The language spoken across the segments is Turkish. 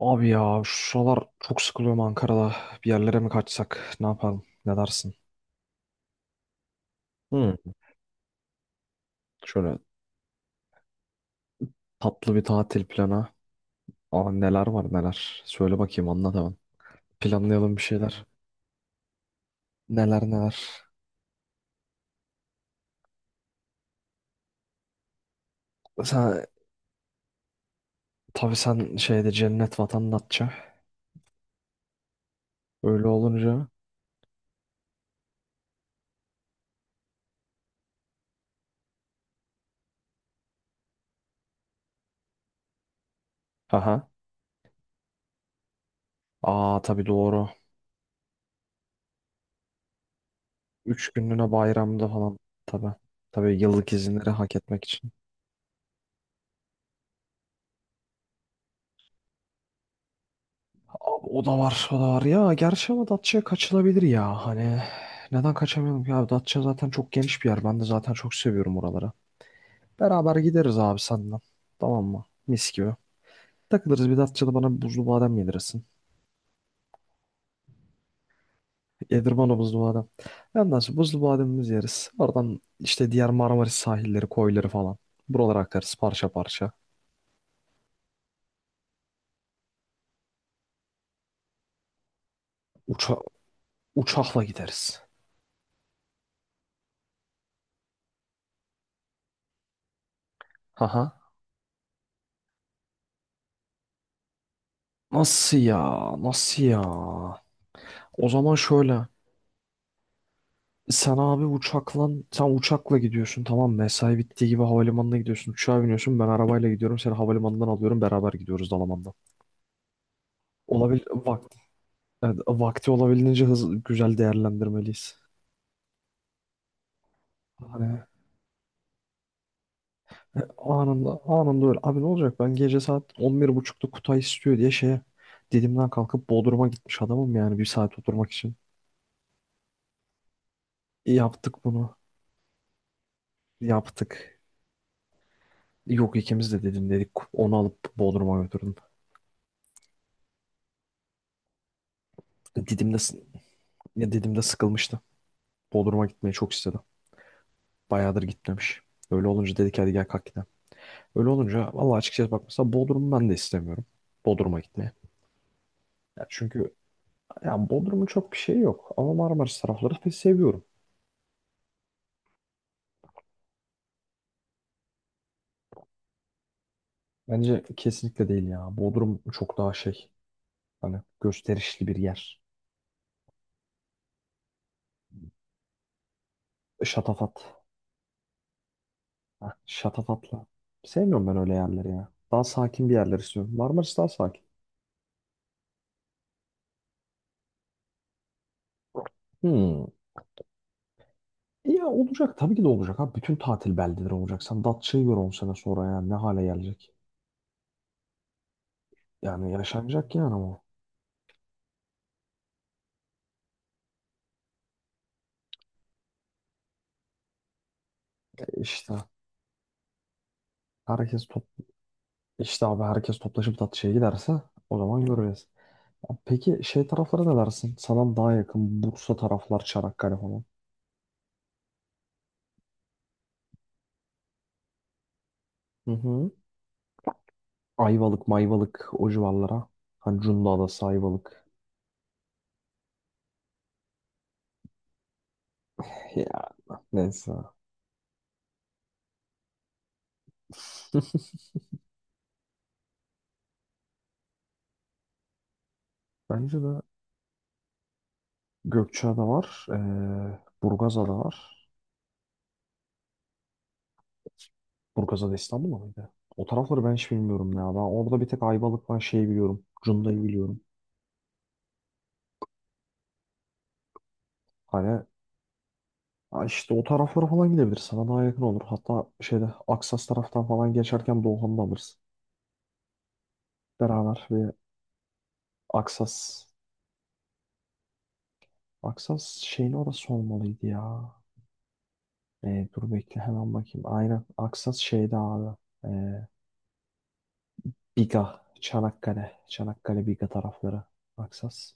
Abi ya şu sıralar çok sıkılıyorum Ankara'da. Bir yerlere mi kaçsak? Ne yapalım? Ne dersin? Hı. Şöyle tatlı bir tatil planı. Aa, neler var neler. Söyle bakayım, anlat hemen. Planlayalım bir şeyler. Neler neler. Sen, tabii sen şeyde cennet vatandaşça. Öyle olunca. Aha. Aa, tabii doğru. 3 günlüğüne bayramda falan. Tabii. Tabii yıllık izinleri hak etmek için. Abi, o da var, o da var. Ya gerçi ama Datça'ya kaçılabilir ya. Hani neden kaçamayalım ki abi? Datça zaten çok geniş bir yer. Ben de zaten çok seviyorum oraları. Beraber gideriz abi senden. Tamam mı? Mis gibi. Takılırız bir Datça'da, bana bir buzlu badem yedirirsin. Yedir bana buzlu badem. Ondan sonra buzlu bademimizi yeriz. Oradan işte diğer Marmaris sahilleri, koyları falan. Buralara akarız parça parça. Uça uçakla gideriz. Haha. Nasıl ya? Nasıl ya? O zaman şöyle. Sen abi uçakla gidiyorsun, tamam mı? Mesai bittiği gibi havalimanına gidiyorsun, uçağa biniyorsun, ben arabayla gidiyorum, seni havalimanından alıyorum, beraber gidiyoruz Dalaman'dan. Olabil vakti, evet, vakti olabildiğince hızlı güzel değerlendirmeliyiz. Hani anında öyle abi, ne olacak, ben gece saat 11.30'da Kutay istiyor diye şeye Didim'den kalkıp Bodrum'a gitmiş adamım, yani 1 saat oturmak için. Yaptık bunu, yaptık. Yok, ikimiz de Didim dedik, onu alıp Bodrum'a götürdüm. Didim'de, s- ya Didim'de sıkılmıştı. Bodrum'a gitmeyi çok istedim. Bayağıdır gitmemiş. Öyle olunca dedik, hadi gel kalk gidelim. Öyle olunca valla açıkçası bak, mesela Bodrum'u ben de istemiyorum. Bodrum'a gitmeye. Ya çünkü Bodrum'un çok bir şey yok. Ama Marmaris tarafları pek seviyorum. Bence kesinlikle değil ya. Bodrum çok daha şey. Hani gösterişli bir yer. Şatafat. Ha, şatafatla. Sevmiyorum ben öyle yerleri ya. Daha sakin bir yerler istiyorum. Marmaris daha sakin. Hmm. Ya olacak, tabii ki de olacak abi. Bütün tatil beldeleri olacak. Sen Datça'yı gör 10 sene sonra, ya ne hale gelecek. Yani yaşanacak yani ama. E İşte herkes top işte abi herkes toplaşıp tatlıya giderse o zaman göreceğiz. Ya, peki şey taraflara ne dersin? Sana daha yakın Bursa taraflar, Çanakkale falan. Hı hı. Ayvalık, Mayvalık o civarlara. Hani Cunda Adası, Ayvalık. Ya, neyse. Bence de Gökçeada var. Burgazada var. Burgazada İstanbul mıydı? O tarafları ben hiç bilmiyorum ya. Ben orada bir tek Ayvalık var şeyi biliyorum. Cunda'yı biliyorum. Hani, ha işte o taraflara falan gidebiliriz. Sana daha yakın olur. Hatta şeyde Aksas taraftan falan geçerken Doğukan'ı da alırız. Beraber ve Aksas. Aksas şeyin orası olmalıydı ya. Dur bekle, hemen bakayım. Aynen Aksas şeyde abi. Ee, Biga. Çanakkale. Çanakkale Biga tarafları. Aksas.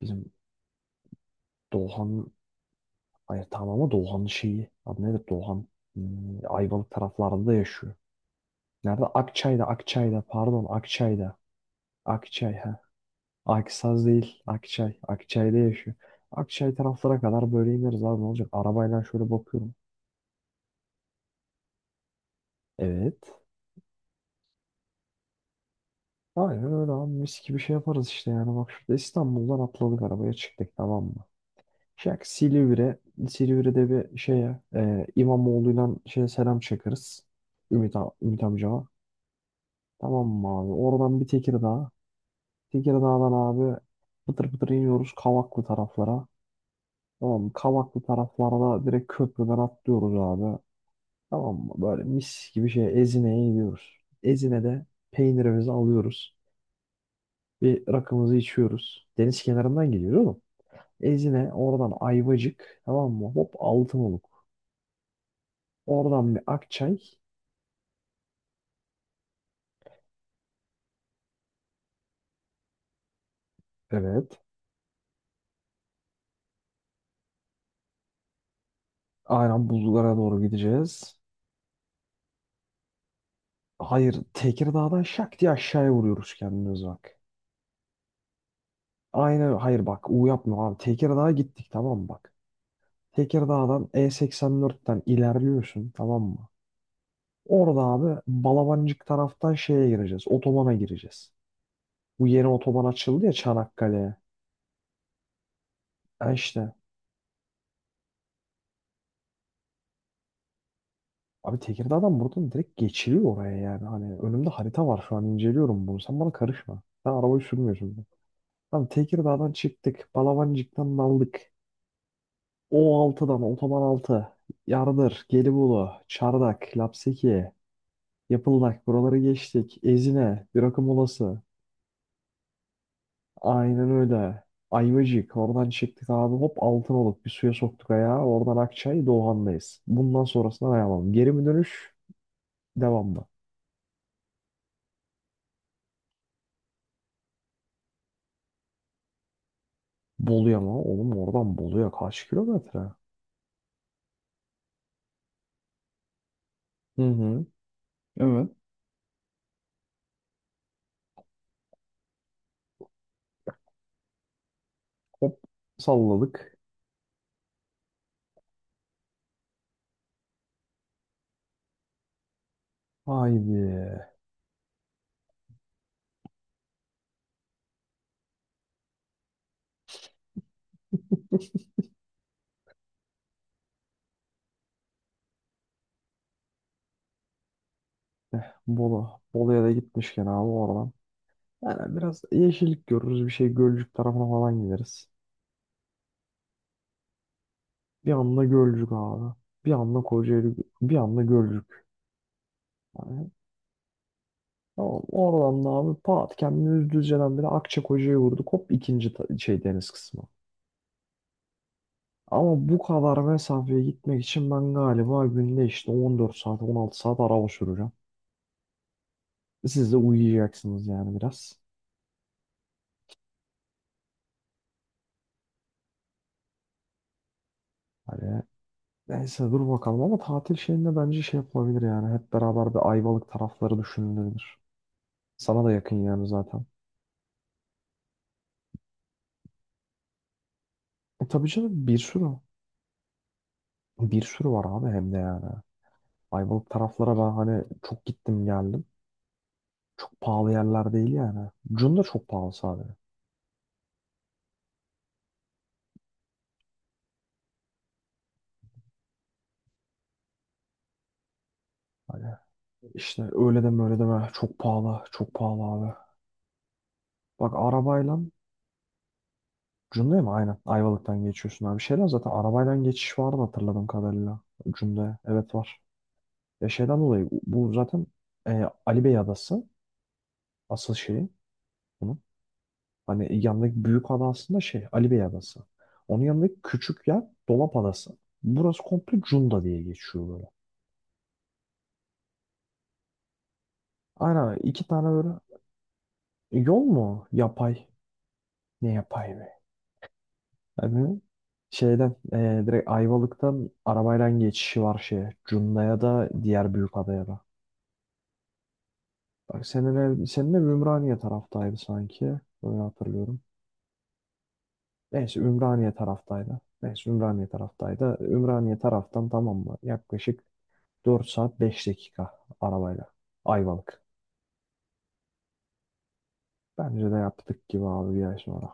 Bizim Doğukan'ın. Hayır tamam, ama Doğukan'ın şeyi. Adı nedir? Doğukan Ayvalık taraflarında yaşıyor. Nerede? Akçay'da. Akçay'da. Pardon, Akçay'da. Akçay. He. Akisaz değil. Akçay. Akçay'da yaşıyor. Akçay taraflara kadar böyle ineriz abi, ne olacak? Arabayla şöyle bakıyorum. Evet. Aynen öyle abi, mis gibi şey yaparız işte, yani bak şurada İstanbul'dan atladık arabaya, çıktık, tamam mı? Şak Silivri, Silivri'de bir şeye İmamoğlu'yla şeye selam çakırız. Ümit amcama. Tamam mı abi? Oradan bir Tekirdağ. Tekirdağ'dan abi pıtır pıtır iniyoruz Kavaklı taraflara. Tamam mı? Kavaklı taraflarda direkt köprüden atlıyoruz abi. Tamam mı? Böyle mis gibi şey Ezine'ye gidiyoruz. Ezine'de peynirimizi alıyoruz. Bir rakımızı içiyoruz. Deniz kenarından gidiyoruz, oğlum. Ezine oradan Ayvacık, tamam mı? Hop Altınoluk. Oradan bir Akçay. Evet. Aynen buzlara doğru gideceğiz. Hayır, Tekirdağ'dan şak diye aşağıya vuruyoruz kendimiz, bak. Aynen hayır, bak, U yapma abi. Tekirdağ'a gittik, tamam mı, bak. Tekirdağ'dan E84'ten ilerliyorsun, tamam mı? Orada abi Balabancık taraftan şeye gireceğiz. Otobana gireceğiz. Bu yeni otoban açıldı ya Çanakkale'ye. Ha işte. Abi Tekirdağ'dan buradan direkt geçiliyor oraya yani. Hani önümde harita var şu an, inceliyorum bunu. Sen bana karışma. Sen arabayı sürmüyorsun bile. Tamam, Tekirdağ'dan çıktık. Balabancık'tan daldık. O6'dan otoban 6, Yardır, Gelibolu, Çardak, Lapseki, Yapıldak, buraları geçtik. Ezine, Birakı Molası. Aynen öyle. Ayvacık. Oradan çıktık abi. Hop altın olup bir suya soktuk ayağı. Oradan Akçay Doğan'dayız. Bundan sonrasına ne yapalım? Geri mi dönüş? Devam mı? Bolu'ya mı? Oğlum oradan Bolu'ya kaç kilometre? Hı hı. Evet. Hop salladık. Haydi. Bolu. Bolu'ya da gitmişken abi oradan. Yani biraz yeşillik görürüz. Bir şey Gölcük tarafına falan gideriz. Bir anda Gölcük abi. Bir anda Kocaeli. Bir anda Gölcük. Yani tamam, oradan da abi pat kendini düzceden bile Akçakoca'ya vurduk. Hop ikinci ta- şey deniz kısmı. Ama bu kadar mesafeye gitmek için ben galiba günde işte 14 saat 16 saat araba süreceğim. Siz de uyuyacaksınız yani biraz. Hani neyse, dur bakalım, ama tatil şeyinde bence şey yapılabilir yani. Hep beraber bir Ayvalık tarafları düşünülebilir. Sana da yakın yani zaten. E tabii canım, bir sürü. Bir sürü var abi, hem de yani. Ayvalık taraflara ben hani çok gittim geldim. Çok pahalı yerler değil yani. Cunda çok pahalı sadece. Hani işte, öyle deme, öyle deme. Çok pahalı. Çok pahalı abi. Bak arabayla Cunda'ya mı? Aynen. Ayvalık'tan geçiyorsun abi. Şeyden zaten arabayla geçiş vardı hatırladığım kadarıyla. Cunda'ya. Evet var. Ya şeyden dolayı bu zaten Ali Bey Adası. Asıl şeyi bunun. Hani yanındaki büyük ada aslında şey Ali Bey Adası. Onun yanındaki küçük yer Dolap Adası. Burası komple Cunda diye geçiyor böyle. Aynen 2 tane böyle. Yol mu? Yapay. Ne yapayım? Abi şeyden direkt Ayvalık'tan arabayla geçişi var şeye. Cunda'ya da diğer büyük adaya da. Bak, senin ev Ümraniye taraftaydı sanki. Öyle hatırlıyorum. Neyse Ümraniye taraftaydı. Neyse Ümraniye taraftaydı. Ümraniye taraftan, tamam mı? Yaklaşık 4 saat 5 dakika arabayla. Ayvalık. Bence de yaptık gibi abi 1 ay sonra.